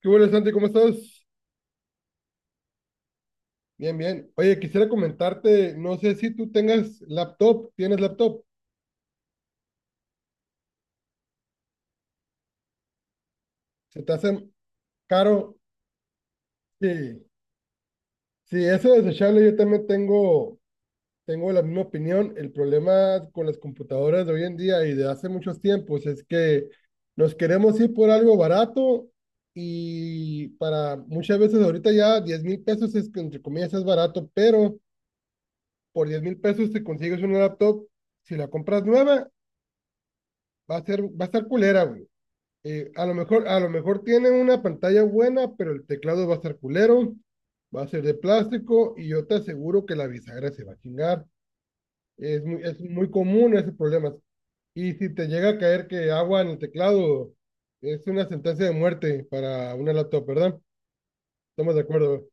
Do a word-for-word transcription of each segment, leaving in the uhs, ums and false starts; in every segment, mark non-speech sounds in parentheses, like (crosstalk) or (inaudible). ¿Qué hubo, Santi? ¿Cómo estás? Bien, bien. Oye, quisiera comentarte, no sé si tú tengas laptop, ¿tienes laptop? ¿Se te hace caro? Sí, sí, eso es desechable, yo también tengo, tengo la misma opinión. El problema con las computadoras de hoy en día y de hace muchos tiempos es que nos queremos ir por algo barato y para muchas veces ahorita ya diez mil pesos es, que, entre comillas es barato, pero por diez mil pesos te consigues una laptop, si la compras nueva va a ser, va a estar culera, güey. Eh, a lo mejor, a lo mejor tiene una pantalla buena, pero el teclado va a estar culero, va a ser de plástico y yo te aseguro que la bisagra se va a chingar. Es muy, es muy común ese problema. Y si te llega a caer que agua en el teclado, es una sentencia de muerte para una laptop, ¿verdad? Estamos de acuerdo.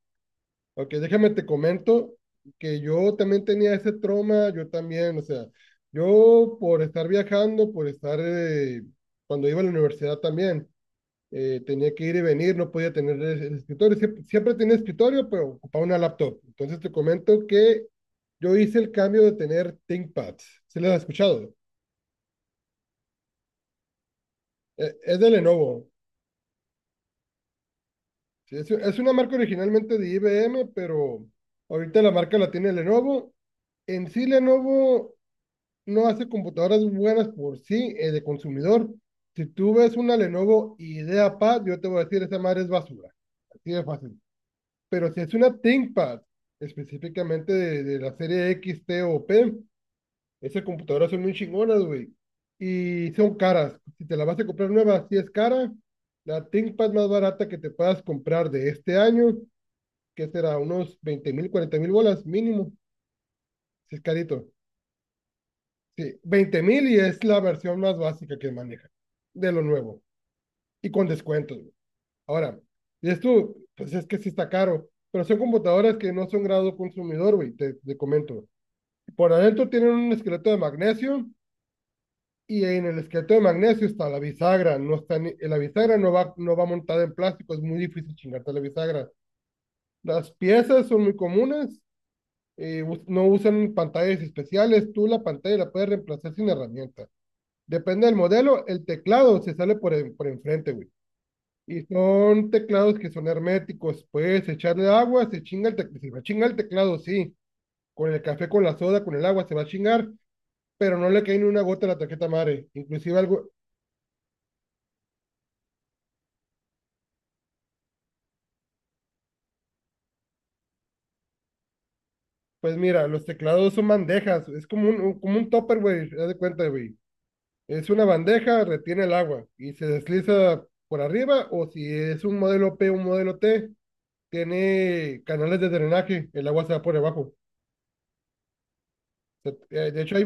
Ok, déjame te comento que yo también tenía ese trauma, yo también, o sea, yo por estar viajando, por estar, eh, cuando iba a la universidad también, eh, tenía que ir y venir, no podía tener el, el escritorio, siempre, siempre tenía escritorio, pero ocupaba una laptop. Entonces te comento que yo hice el cambio de tener ThinkPads, ¿sí les has escuchado? Eh, es de Lenovo. Sí, es, es una marca originalmente de I B M, pero ahorita la marca la tiene Lenovo. En sí, Lenovo no hace computadoras buenas por sí, eh, de consumidor. Si tú ves una Lenovo IdeaPad, yo te voy a decir, esa madre es basura. Así de fácil. Pero si es una ThinkPad, específicamente de, de la serie X, T o P, esas computadoras son muy chingonas, güey. Y son caras. Si te la vas a comprar nueva, sí es cara. La ThinkPad más barata que te puedas comprar de este año, que será unos veinte mil, cuarenta mil bolas mínimo, si es carito. Sí, veinte mil y es la versión más básica que maneja de lo nuevo y con descuentos, güey. Ahora, y esto, pues es que sí está caro, pero son computadoras que no son grado consumidor, güey, te, te comento. Por adentro tienen un esqueleto de magnesio y en el esqueleto de magnesio está la bisagra, no está ni- la bisagra no va, no va montada en plástico, es muy difícil chingarte la bisagra. Las piezas son muy comunes, eh, us- no usan pantallas especiales, tú la pantalla la puedes reemplazar sin herramienta. Depende del modelo, el teclado se sale por, en- por enfrente, güey. Y son teclados que son herméticos. Puedes echarle agua, se chinga el teclado. Se va a chingar el teclado, sí. Con el café, con la soda, con el agua, se va a chingar, pero no le cae ni una gota a la tarjeta madre. Inclusive algo, pues mira, los teclados son bandejas. Es como un, un- como un topper, güey. Haz de cuenta, güey. Es una bandeja, retiene el agua y se desliza por arriba. O si es un modelo P, un modelo T, tiene canales de drenaje, el agua se va por debajo. Se- eh, de hecho, hay,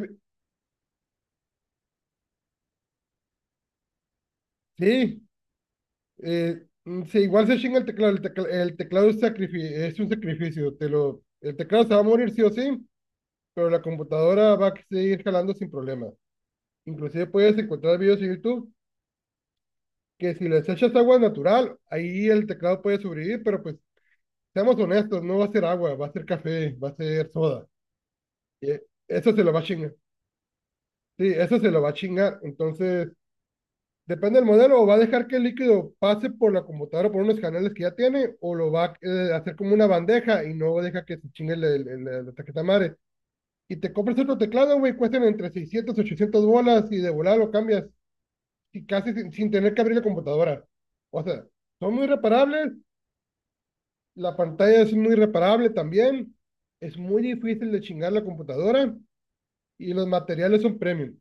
sí, eh, mm, sí, igual se chinga el teclado. El, tecla- el teclado es, sacrifi- es un sacrificio. Te lo, el teclado se va a morir sí o sí, pero la computadora va a seguir jalando sin problema. Inclusive puedes encontrar videos en YouTube que si les echas agua natural, ahí el teclado puede sobrevivir, pero pues seamos honestos, no va a ser agua, va a ser café, va a ser soda. Eh, Eso se lo va a chingar. Sí, eso se lo va a chingar. Entonces, depende del modelo, o va a dejar que el líquido pase por la computadora, por unos canales que ya tiene, o lo va a eh, hacer como una bandeja y no deja que se chingue el- el- el- la tarjeta madre. Y te compras otro teclado, güey, cuestan entre seiscientas, ochocientas bolas y de volada lo cambias, y casi sin, sin tener que abrir la computadora. O sea, son muy reparables, la pantalla es muy reparable también, es muy difícil de chingar la computadora y los materiales son premium.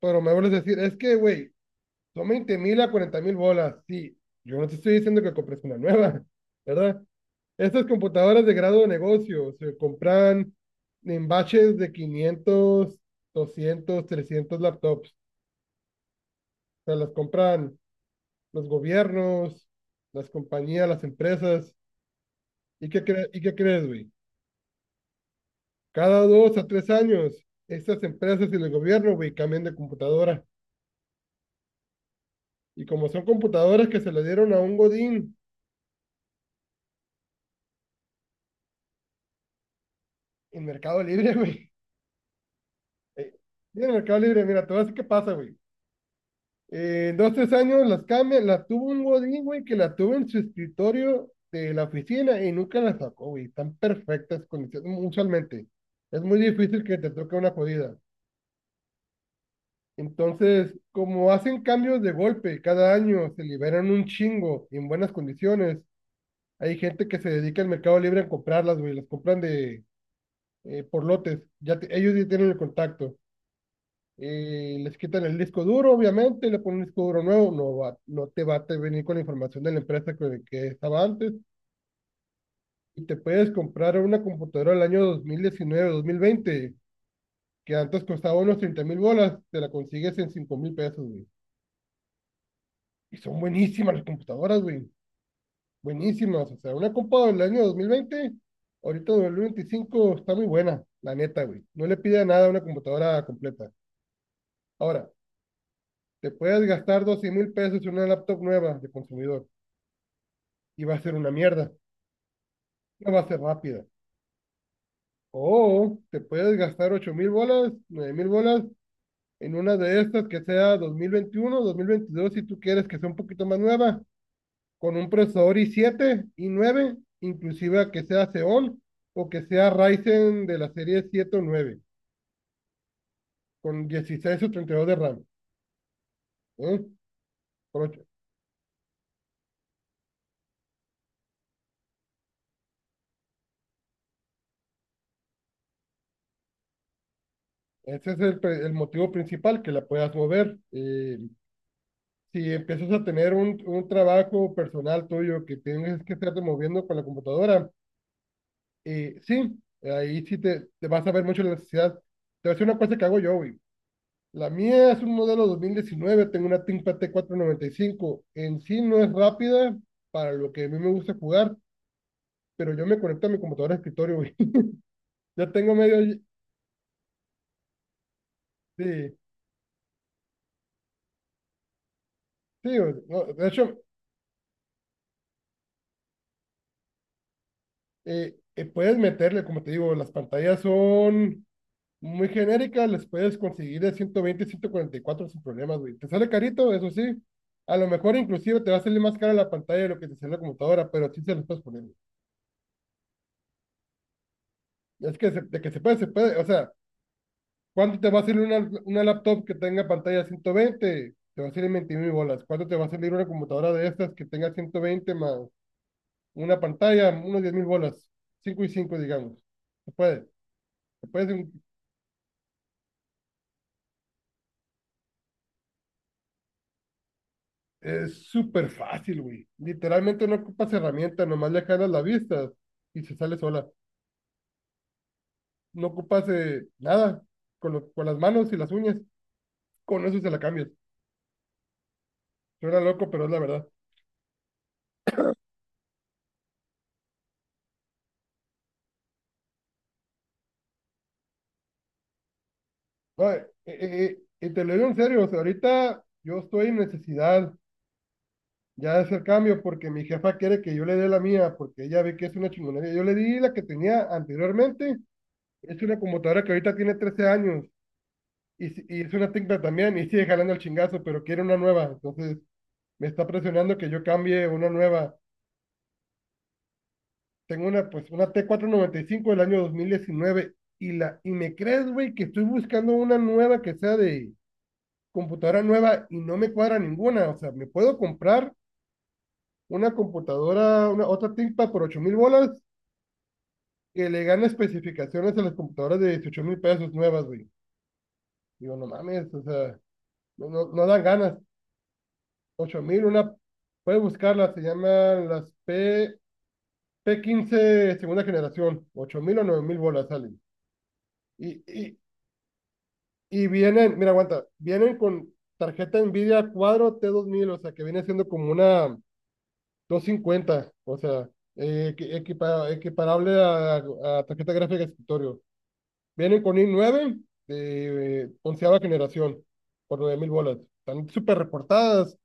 Pero me vuelves a decir, es que, güey, son veinte mil a cuarenta mil bolas. Sí, yo no te estoy diciendo que compres una nueva, ¿verdad? Estas computadoras de grado de negocio se compran en batches de quinientos doscientos trescientos laptops. O sea, las compran los gobiernos, las compañías, las empresas. ¿Y qué, cre- y qué crees, güey? Cada dos a tres años, estas empresas y el gobierno, güey, cambian de computadora. Y como son computadoras que se le dieron a un Godín en Mercado Libre, (laughs) güey. Eh, Mira, Mercado Libre, mira, te voy a decir qué pasa, güey. Eh, en dos, tres años las cambian, las tuvo un godín, güey, que la tuvo en su escritorio de la oficina y nunca la sacó, güey. Están perfectas condiciones, usualmente. Es muy difícil que te toque una jodida. Entonces, como hacen cambios de golpe cada año, se liberan un chingo y en buenas condiciones. Hay gente que se dedica al Mercado Libre a comprarlas, güey, las compran de eh, por lotes. Ya te- ellos ya tienen el contacto. Eh, les quitan el disco duro, obviamente, le ponen un disco duro nuevo, no va, no te va a te venir con la información de la empresa que, que estaba antes, y te puedes comprar una computadora del año dos dos mil diecinueve dos mil veinte que antes costaba unos treinta mil bolas, te la consigues en cinco mil pesos, güey. Y son buenísimas las computadoras, güey, buenísimas, o sea, una computadora del año dos mil veinte, ahorita dos mil veinticinco está muy buena, la neta, güey, no le pide nada a una computadora completa. Ahora, te puedes gastar doce mil pesos en una laptop nueva de consumidor y va a ser una mierda. No va a ser rápida. O te puedes gastar ocho mil bolas, nueve mil bolas en una de estas que sea dos dos mil veintiuno dos mil veintidós si tú quieres que sea un poquito más nueva, con un procesador i siete i nueve inclusive que sea Xeon o que sea Ryzen de la serie siete o nueve con dieciséis o treinta y dos de RAM. ¿Eh? Por ocho- Ese es el, pre- el motivo principal, que la puedas mover. Eh, si empiezas a tener un, un trabajo personal tuyo que tienes que estarte moviendo con la computadora, eh, sí, ahí sí te, te vas a ver mucho la necesidad. Te voy a decir una cosa que hago yo, güey. La mía es un modelo dos mil diecinueve, tengo una ThinkPad T cuatrocientos noventa y cinco. En sí no es rápida para lo que a mí me gusta jugar, pero yo me conecto a mi computadora de escritorio, güey. (laughs) Ya tengo medio... Sí, sí, güey. No, de hecho, eh, eh, puedes meterle, como te digo, las pantallas son muy genérica, las puedes conseguir de ciento veinte ciento cuarenta y cuatro sin problemas, güey. Te sale carito, eso sí. A lo mejor inclusive te va a salir más cara la pantalla de lo que te sale la computadora, pero sí se las puedes poner, güey. Es que se- de que se puede, se puede. O sea, ¿cuánto te va a salir una, una laptop que tenga pantalla ciento veinte? Te va a salir veinte mil bolas. ¿Cuánto te va a salir una computadora de estas que tenga ciento veinte más una pantalla? Unos diez mil bolas. Cinco y cinco digamos. Se puede. Se puede. Es súper fácil, güey. Literalmente no ocupas herramienta, nomás le jalas la vista y se sale sola. No ocupas eh, nada con, lo- con las manos y las uñas. Con eso se la cambias. Suena loco, pero es la verdad. No, eh, eh, eh, y te lo digo en serio, o sea, ahorita yo estoy en necesidad ya de hacer cambio porque mi jefa quiere que yo le dé la mía porque ella ve que es una chingonería. Yo le di la que tenía anteriormente. Es una computadora que ahorita tiene trece años y, si- y es una técnica también y sigue jalando el chingazo, pero quiere una nueva. Entonces, me está presionando que yo cambie una nueva. Tengo una, pues, una t cuatrocientos noventa y cinco del año dos mil diecinueve y la, y me crees, güey, que estoy buscando una nueva que sea de computadora nueva y no me cuadra ninguna. O sea, me puedo comprar una computadora, una otra ThinkPad por ocho mil bolas que le gana especificaciones a las computadoras de dieciocho mil pesos nuevas, güey. Digo, no mames, o sea, no, no, no dan ganas. Ocho mil, una, puedes buscarlas, se llaman las P, p quince segunda generación, ocho mil o nueve mil bolas sale. Y, y, y vienen, mira, aguanta, vienen con tarjeta Nvidia Quadro t dos mil, o sea, que viene siendo como una doscientos cincuenta, o sea, eh, equi- equipa- equiparable a, a tarjeta gráfica de escritorio. Vienen con i nueve de eh, onceava generación, por nueve mil bolas. Están súper reportadas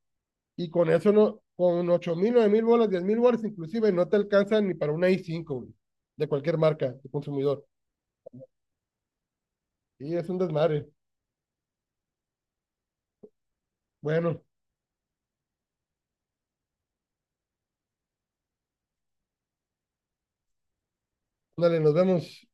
y con eso no, con ocho mil nueve mil bolas, diez mil bolas inclusive, no te alcanzan ni para una i cinco güey, de cualquier marca, de consumidor. Y es un desmadre. Bueno, dale, nos vemos.